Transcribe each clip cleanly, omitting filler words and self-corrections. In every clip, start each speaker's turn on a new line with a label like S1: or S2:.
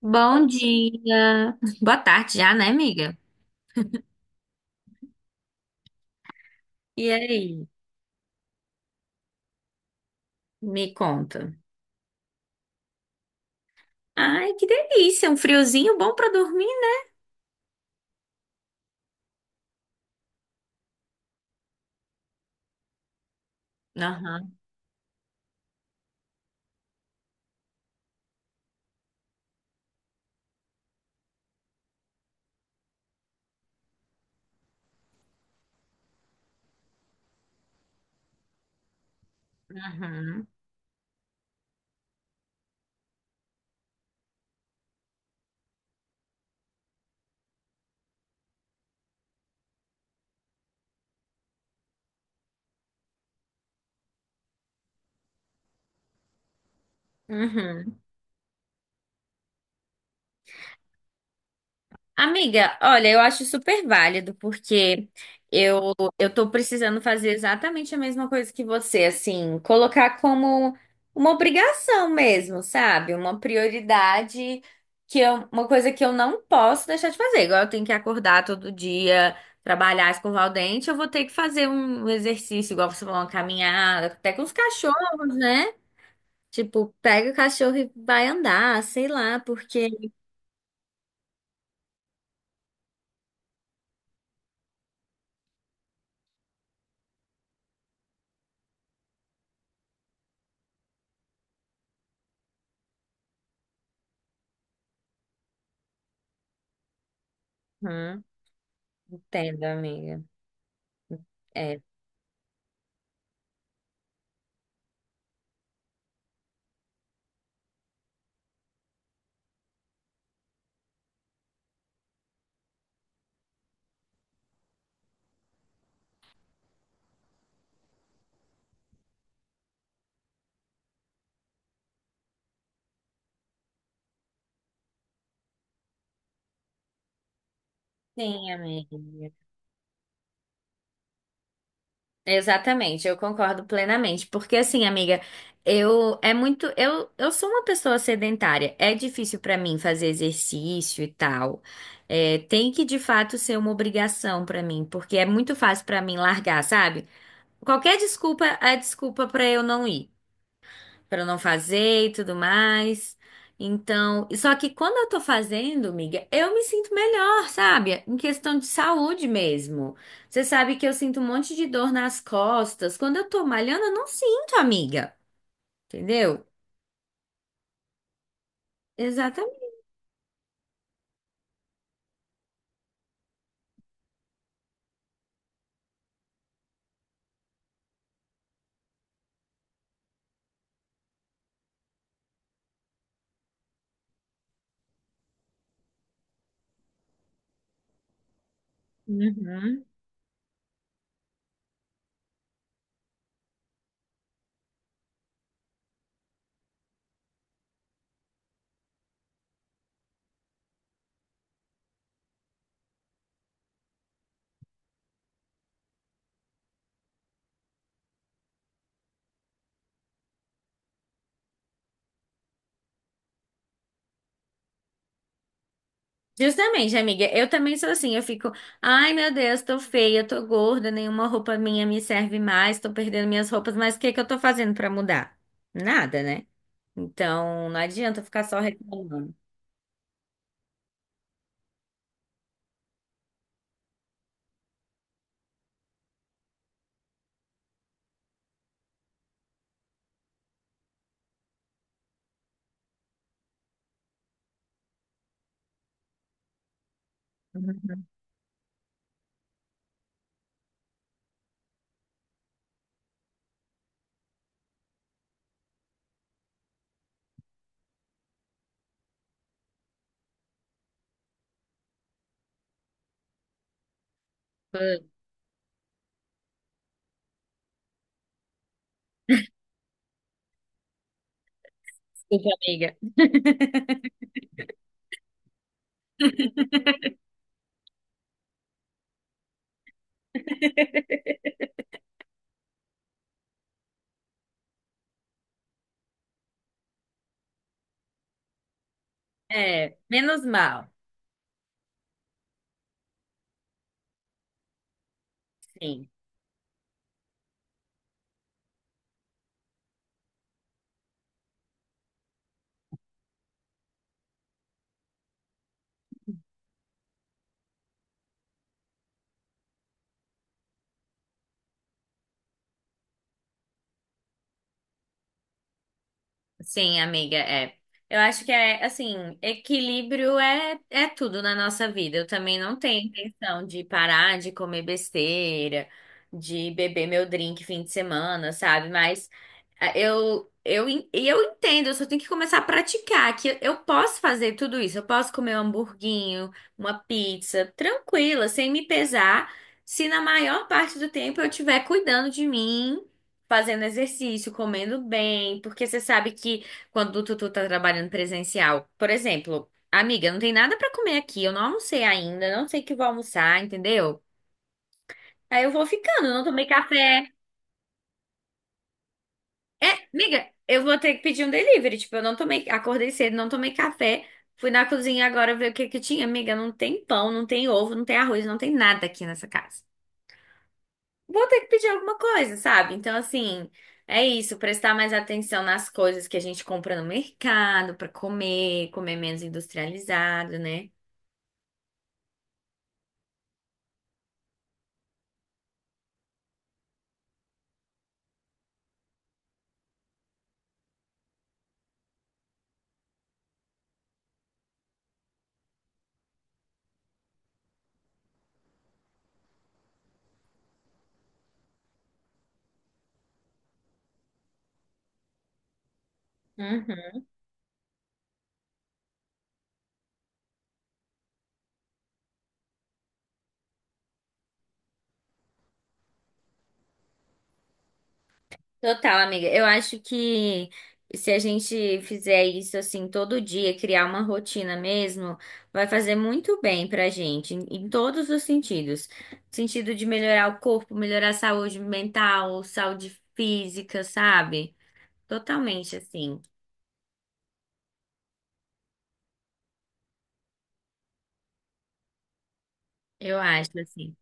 S1: Bom dia. Boa tarde já, né, amiga? E aí? Me conta. Ai, que delícia, um friozinho bom pra dormir. Né? Aham, uhum, uhum. Amiga, olha, eu acho super válido, porque eu, eu tô precisando fazer exatamente a mesma coisa que você, assim, colocar como uma obrigação mesmo, sabe? Uma prioridade, que eu, uma coisa que eu não posso deixar de fazer. Igual eu tenho que acordar todo dia, trabalhar, escovar o dente, eu vou ter que fazer um exercício, igual você falou, uma caminhada, até com os cachorros, né? Tipo, pega o cachorro e vai andar, sei lá, porque. Uhum, entendo, amiga. É. Sim, amiga. Exatamente, eu concordo plenamente. Porque assim, amiga, eu é muito, eu sou uma pessoa sedentária. É difícil pra mim fazer exercício e tal. É, tem que de fato ser uma obrigação pra mim, porque é muito fácil pra mim largar, sabe? Qualquer desculpa é desculpa pra eu não ir, para não fazer e tudo mais. Então, só que quando eu tô fazendo, miga, eu me sinto melhor, sabe? Em questão de saúde mesmo. Você sabe que eu sinto um monte de dor nas costas. Quando eu tô malhando, eu não sinto, amiga. Entendeu? Exatamente. Uhum. Justamente, amiga. Eu também sou assim. Eu fico, ai meu Deus, tô feia, tô gorda, nenhuma roupa minha me serve mais, tô perdendo minhas roupas, mas o que que eu tô fazendo pra mudar? Nada, né? Então, não adianta ficar só reclamando. Uhum. Putz. Desculpa, amiga. É, menos mal. Sim. Sim, amiga, é. Eu acho que é assim, equilíbrio é, é tudo na nossa vida. Eu também não tenho intenção de parar de comer besteira, de beber meu drink fim de semana, sabe? Mas ah, eu en- e eu entendo, eu só tenho que começar a praticar que eu posso fazer tudo isso. Eu posso comer um hamburguinho, uma pizza, tranquila, sem me pesar, se na maior parte do tempo eu estiver cuidando de mim, fazendo exercício, comendo bem, porque você sabe que quando o Tutu tá trabalhando presencial, por exemplo, amiga, não tem nada pra comer aqui, eu não almocei ainda, não sei o que eu vou almoçar, entendeu? Aí eu vou ficando, não tomei café. É, amiga, eu vou ter que pedir um delivery, tipo, eu não tomei, acordei cedo, não tomei café. Fui na cozinha agora ver o que que tinha, amiga. Não tem pão, não tem ovo, não tem arroz, não tem nada aqui nessa casa. Vou ter que pedir alguma coisa, sabe? Então, assim, é isso, prestar mais atenção nas coisas que a gente compra no mercado para comer, comer menos industrializado, né? Uhum. Total, amiga. Eu acho que se a gente fizer isso assim todo dia, criar uma rotina mesmo, vai fazer muito bem pra gente, em, em todos os sentidos. Sentido de melhorar o corpo, melhorar a saúde mental, saúde física, sabe? Totalmente assim. Eu acho assim.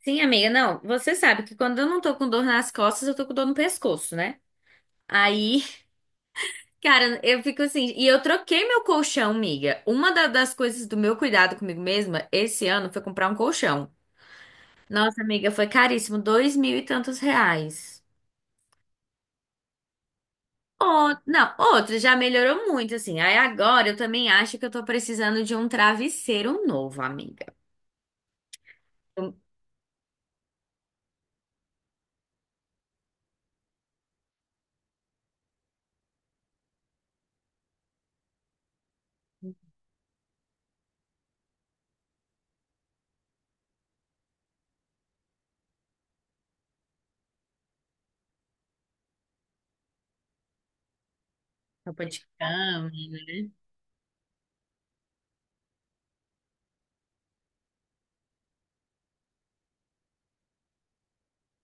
S1: Sim, amiga, não, você sabe que quando eu não tô com dor nas costas, eu tô com dor no pescoço, né? Aí, cara, eu fico assim, e eu troquei meu colchão, amiga. Uma da- das coisas do meu cuidado comigo mesma esse ano foi comprar um colchão. Nossa, amiga, foi caríssimo, dois mil e tantos reais. Ou, não, outro já melhorou muito, assim. Aí agora eu também acho que eu tô precisando de um travesseiro novo, amiga. Um- Roupa de cama, né?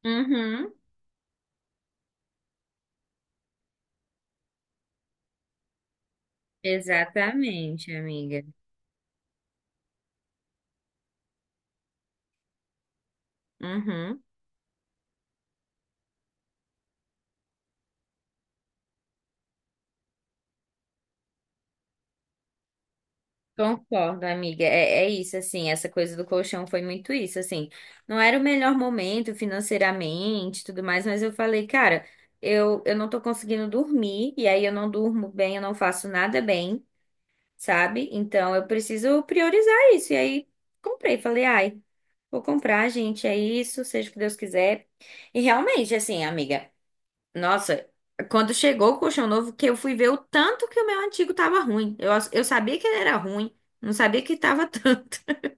S1: Uhum, exatamente, amiga. Uhum. Concordo, amiga. É, é isso, assim, essa coisa do colchão foi muito isso, assim. Não era o melhor momento financeiramente, e tudo mais, mas eu falei, cara, eu não tô conseguindo dormir, e aí eu não durmo bem, eu não faço nada bem, sabe? Então eu preciso priorizar isso. E aí comprei, falei, ai, vou comprar, gente, é isso, seja o que Deus quiser. E realmente, assim, amiga. Nossa, quando chegou o colchão novo, que eu fui ver o tanto que o meu antigo tava ruim. Eu sabia que ele era ruim, não sabia que tava tanto.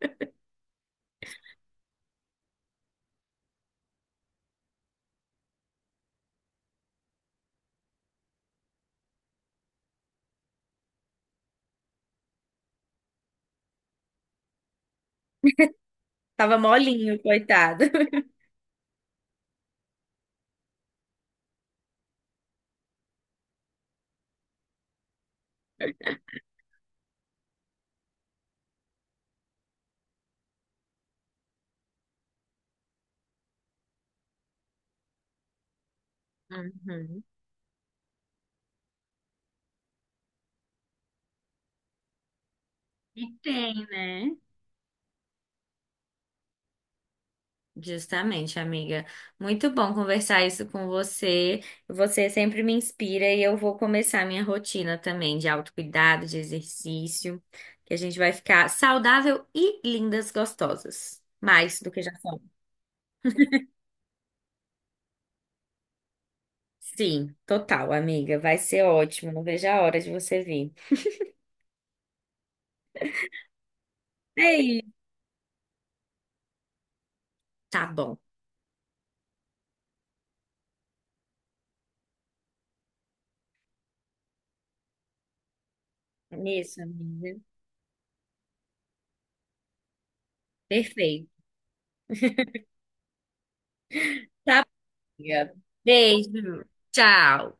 S1: Tava molinho, coitado. Uhum. E tem, né? Justamente, amiga. Muito bom conversar isso com você. Você sempre me inspira e eu vou começar minha rotina também de autocuidado, de exercício, que a gente vai ficar saudável e lindas, gostosas. Mais do que já somos. Sim, total, amiga. Vai ser ótimo. Não vejo a hora de você vir. Ei, tá bom. É isso, amiga. Perfeito. Beijo. Tchau.